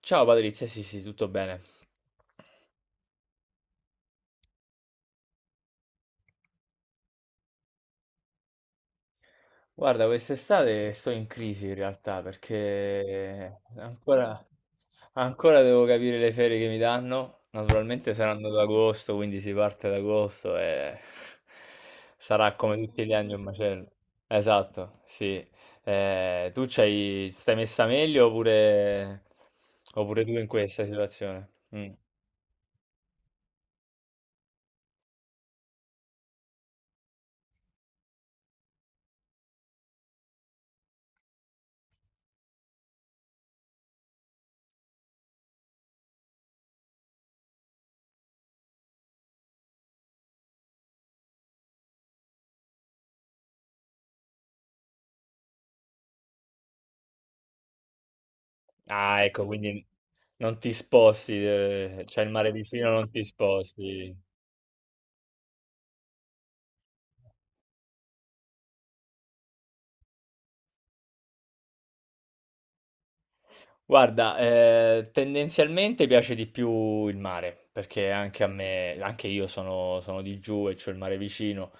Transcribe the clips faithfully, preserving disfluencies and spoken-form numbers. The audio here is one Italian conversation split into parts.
Ciao Patrizia, sì sì, tutto bene. Guarda, quest'estate sto in crisi in realtà perché ancora, ancora devo capire le ferie che mi danno. Naturalmente saranno ad agosto, quindi si parte ad agosto e sarà come tutti gli anni un macello. Esatto, sì. Eh, tu c'hai, stai messa meglio, oppure, oppure tu in questa situazione? Mm. Ah, ecco, quindi non ti sposti, eh, c'è il mare vicino, non ti sposti. Guarda, eh, tendenzialmente piace di più il mare, perché anche a me, anche io sono, sono di giù e c'ho il mare vicino,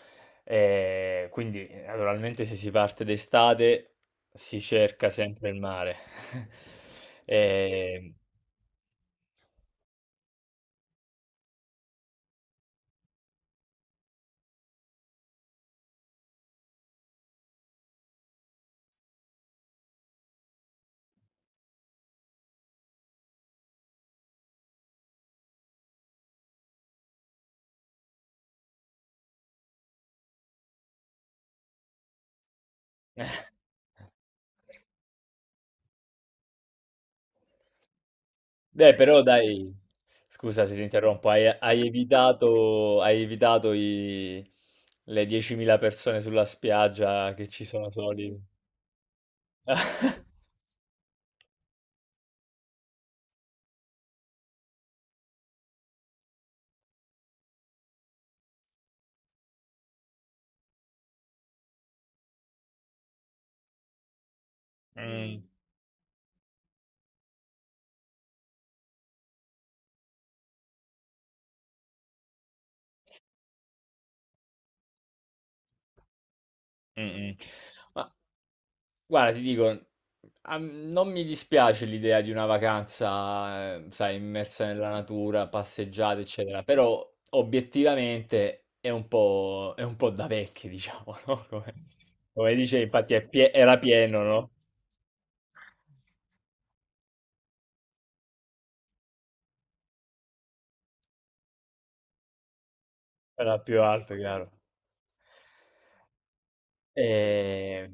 eh, quindi eh, naturalmente se si parte d'estate si cerca sempre il mare. Eh, Beh, però dai, scusa se ti interrompo, hai, hai evitato, hai evitato i- le diecimila persone sulla spiaggia che ci sono soli. Mm, mm, mm. Ma guarda, ti dico, a- non mi dispiace l'idea di una vacanza, eh, sai, immersa nella natura, passeggiate, eccetera, però obiettivamente è un po', è un po' da vecchi, diciamo, no? Come, come dice, infatti è pie- era pieno, no? Era più alto, chiaro. E-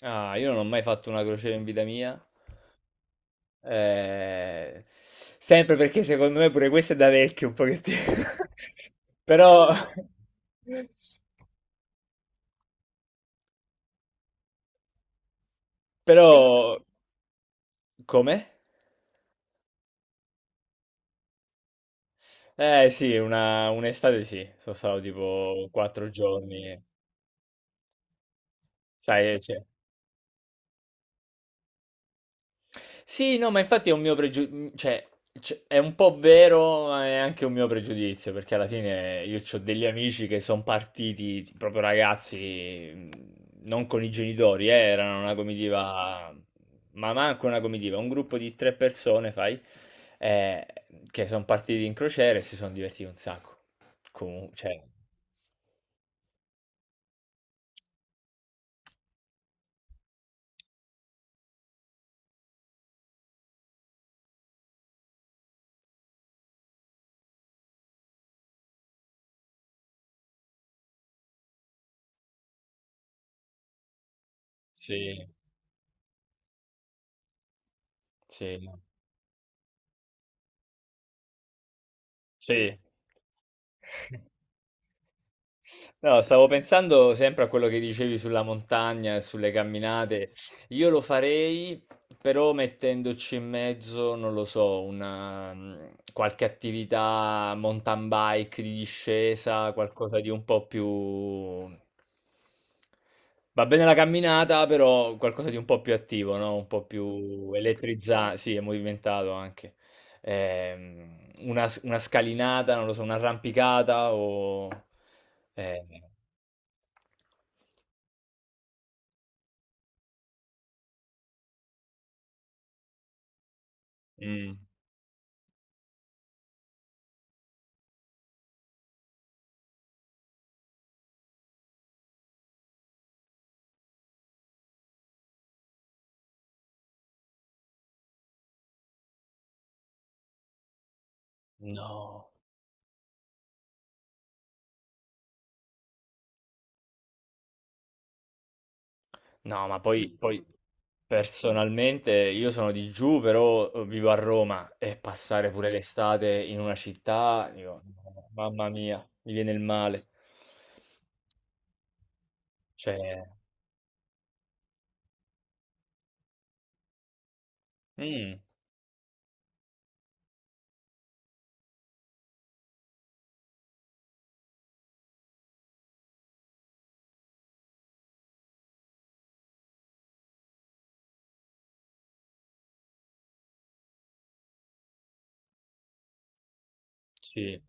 Ah, io non ho mai fatto una crociera in vita mia. Eh, Sempre perché secondo me pure questo è da vecchio un pochettino. Però... Però... Come? Eh sì, una... un'estate sì. Sono stato tipo quattro giorni. Sai, cioè... Sì, no, ma infatti è un mio pregiudizio, cioè, c- è un po' vero, ma è anche un mio pregiudizio, perché alla fine io ho degli amici che sono partiti proprio ragazzi, mh, non con i genitori, eh, erano una comitiva, ma manco una comitiva, un gruppo di tre persone, fai, eh, che sono partiti in crociera e si sono divertiti un sacco. Comunque, cioè, sì, sì, no. Sì. No, stavo pensando sempre a quello che dicevi sulla montagna e sulle camminate. Io lo farei, però mettendoci in mezzo, non lo so, una, mm, qualche attività mountain bike di discesa, qualcosa di un po' più... Va bene la camminata, però qualcosa di un po' più attivo, no? Un po' più elettrizzante, sì, e movimentato anche ehm, una, una scalinata, non lo so, un'arrampicata o... eh, Mm. No, no, ma poi, Mm. poi personalmente io sono di giù, però eh, vivo a Roma e passare pure l'estate in una città, dico, "No, mamma mia, mi viene il male. Cioè, mm, sì.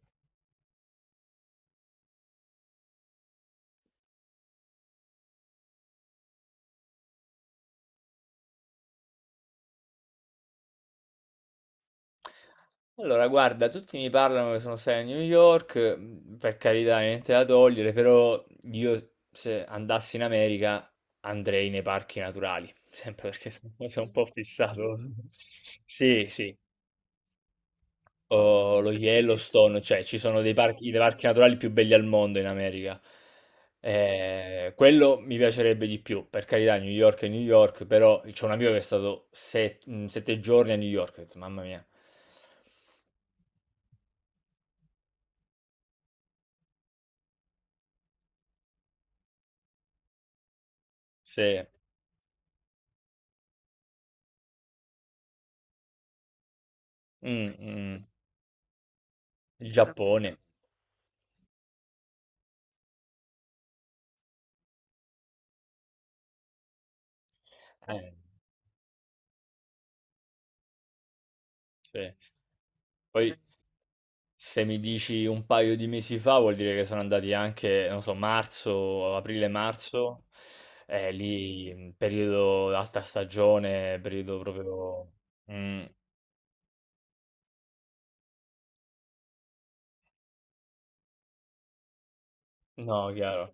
Allora, guarda, tutti mi parlano che sono stati a New York, mh, per carità, niente da togliere, però io se andassi in America andrei nei parchi naturali, sempre perché sono, sono un po' fissato. Sì, sì, o lo Yellowstone, cioè ci sono dei parchi, i parchi naturali più belli al mondo in America. Eh, quello mi piacerebbe di più, per carità, New York è New York, però c'è un amico che è stato set- mh, sette giorni a New York, ho detto, mamma mia. Sì. Mh, mh. Il Però Giappone. Eh, sì. Poi se mi dici un paio di mesi fa vuol dire che sono andati anche, non so, marzo, aprile-marzo, e lì, mhmm, periodo alta stagione, periodo proprio mh, no, chiaro.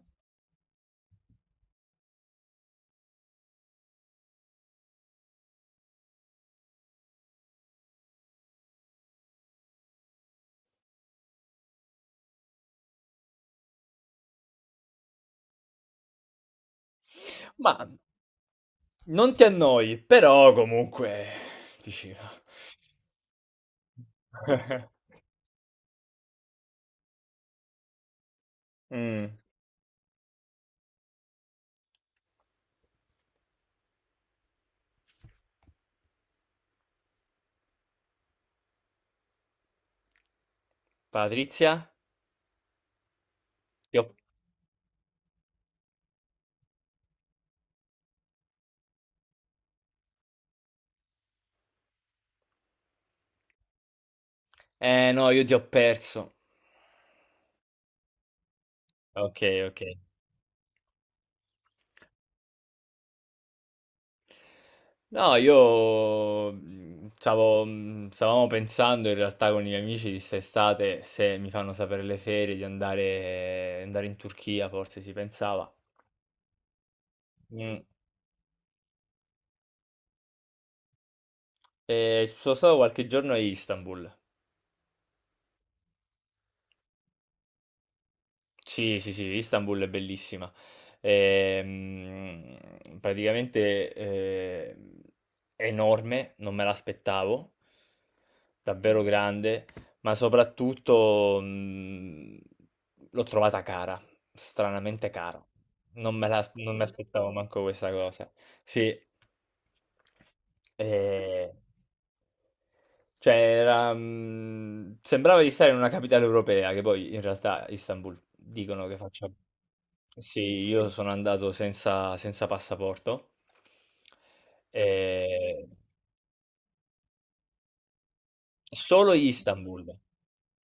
Ma non ti annoi, però comunque dici Mh. Patrizia? Ti ho eh no, io ti ho perso. Okay, okay. No, io mm, stavo, mm, stavamo pensando in realtà con i miei amici di quest'estate se mi fanno sapere le ferie di andare, andare in Turchia, forse si pensava. Mm. E ci sono stato qualche giorno a Istanbul. Sì, sì, sì, Istanbul è bellissima. Ehm, praticamente ehm, è enorme, non me l'aspettavo, davvero grande, ma soprattutto mh, l'ho trovata cara, stranamente cara. Non me la- Non mi aspettavo manco questa cosa. Sì. Eh, cioè, era, mm, sembrava di stare in una capitale europea, che poi in realtà Istanbul dicono che faccia... Sì, io sono andato senza, senza, passaporto, e... Solo Istanbul.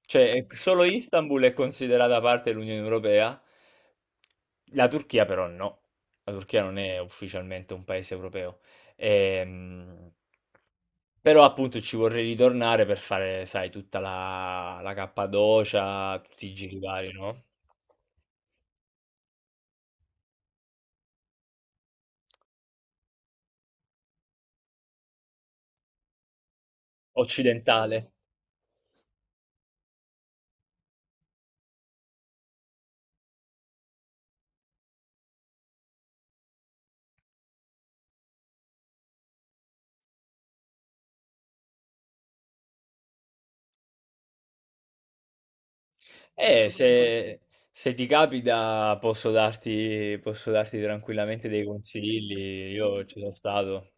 Cioè, solo Istanbul è considerata parte dell'Unione Europea, la Turchia però no. La Turchia non è ufficialmente un paese europeo. Ehm, però appunto ci vorrei ritornare per fare, sai, tutta la, la Cappadocia, tutti i giri vari, no? Occidentale. E se, se, ti capita posso darti, posso darti tranquillamente dei consigli, io ci sono stato.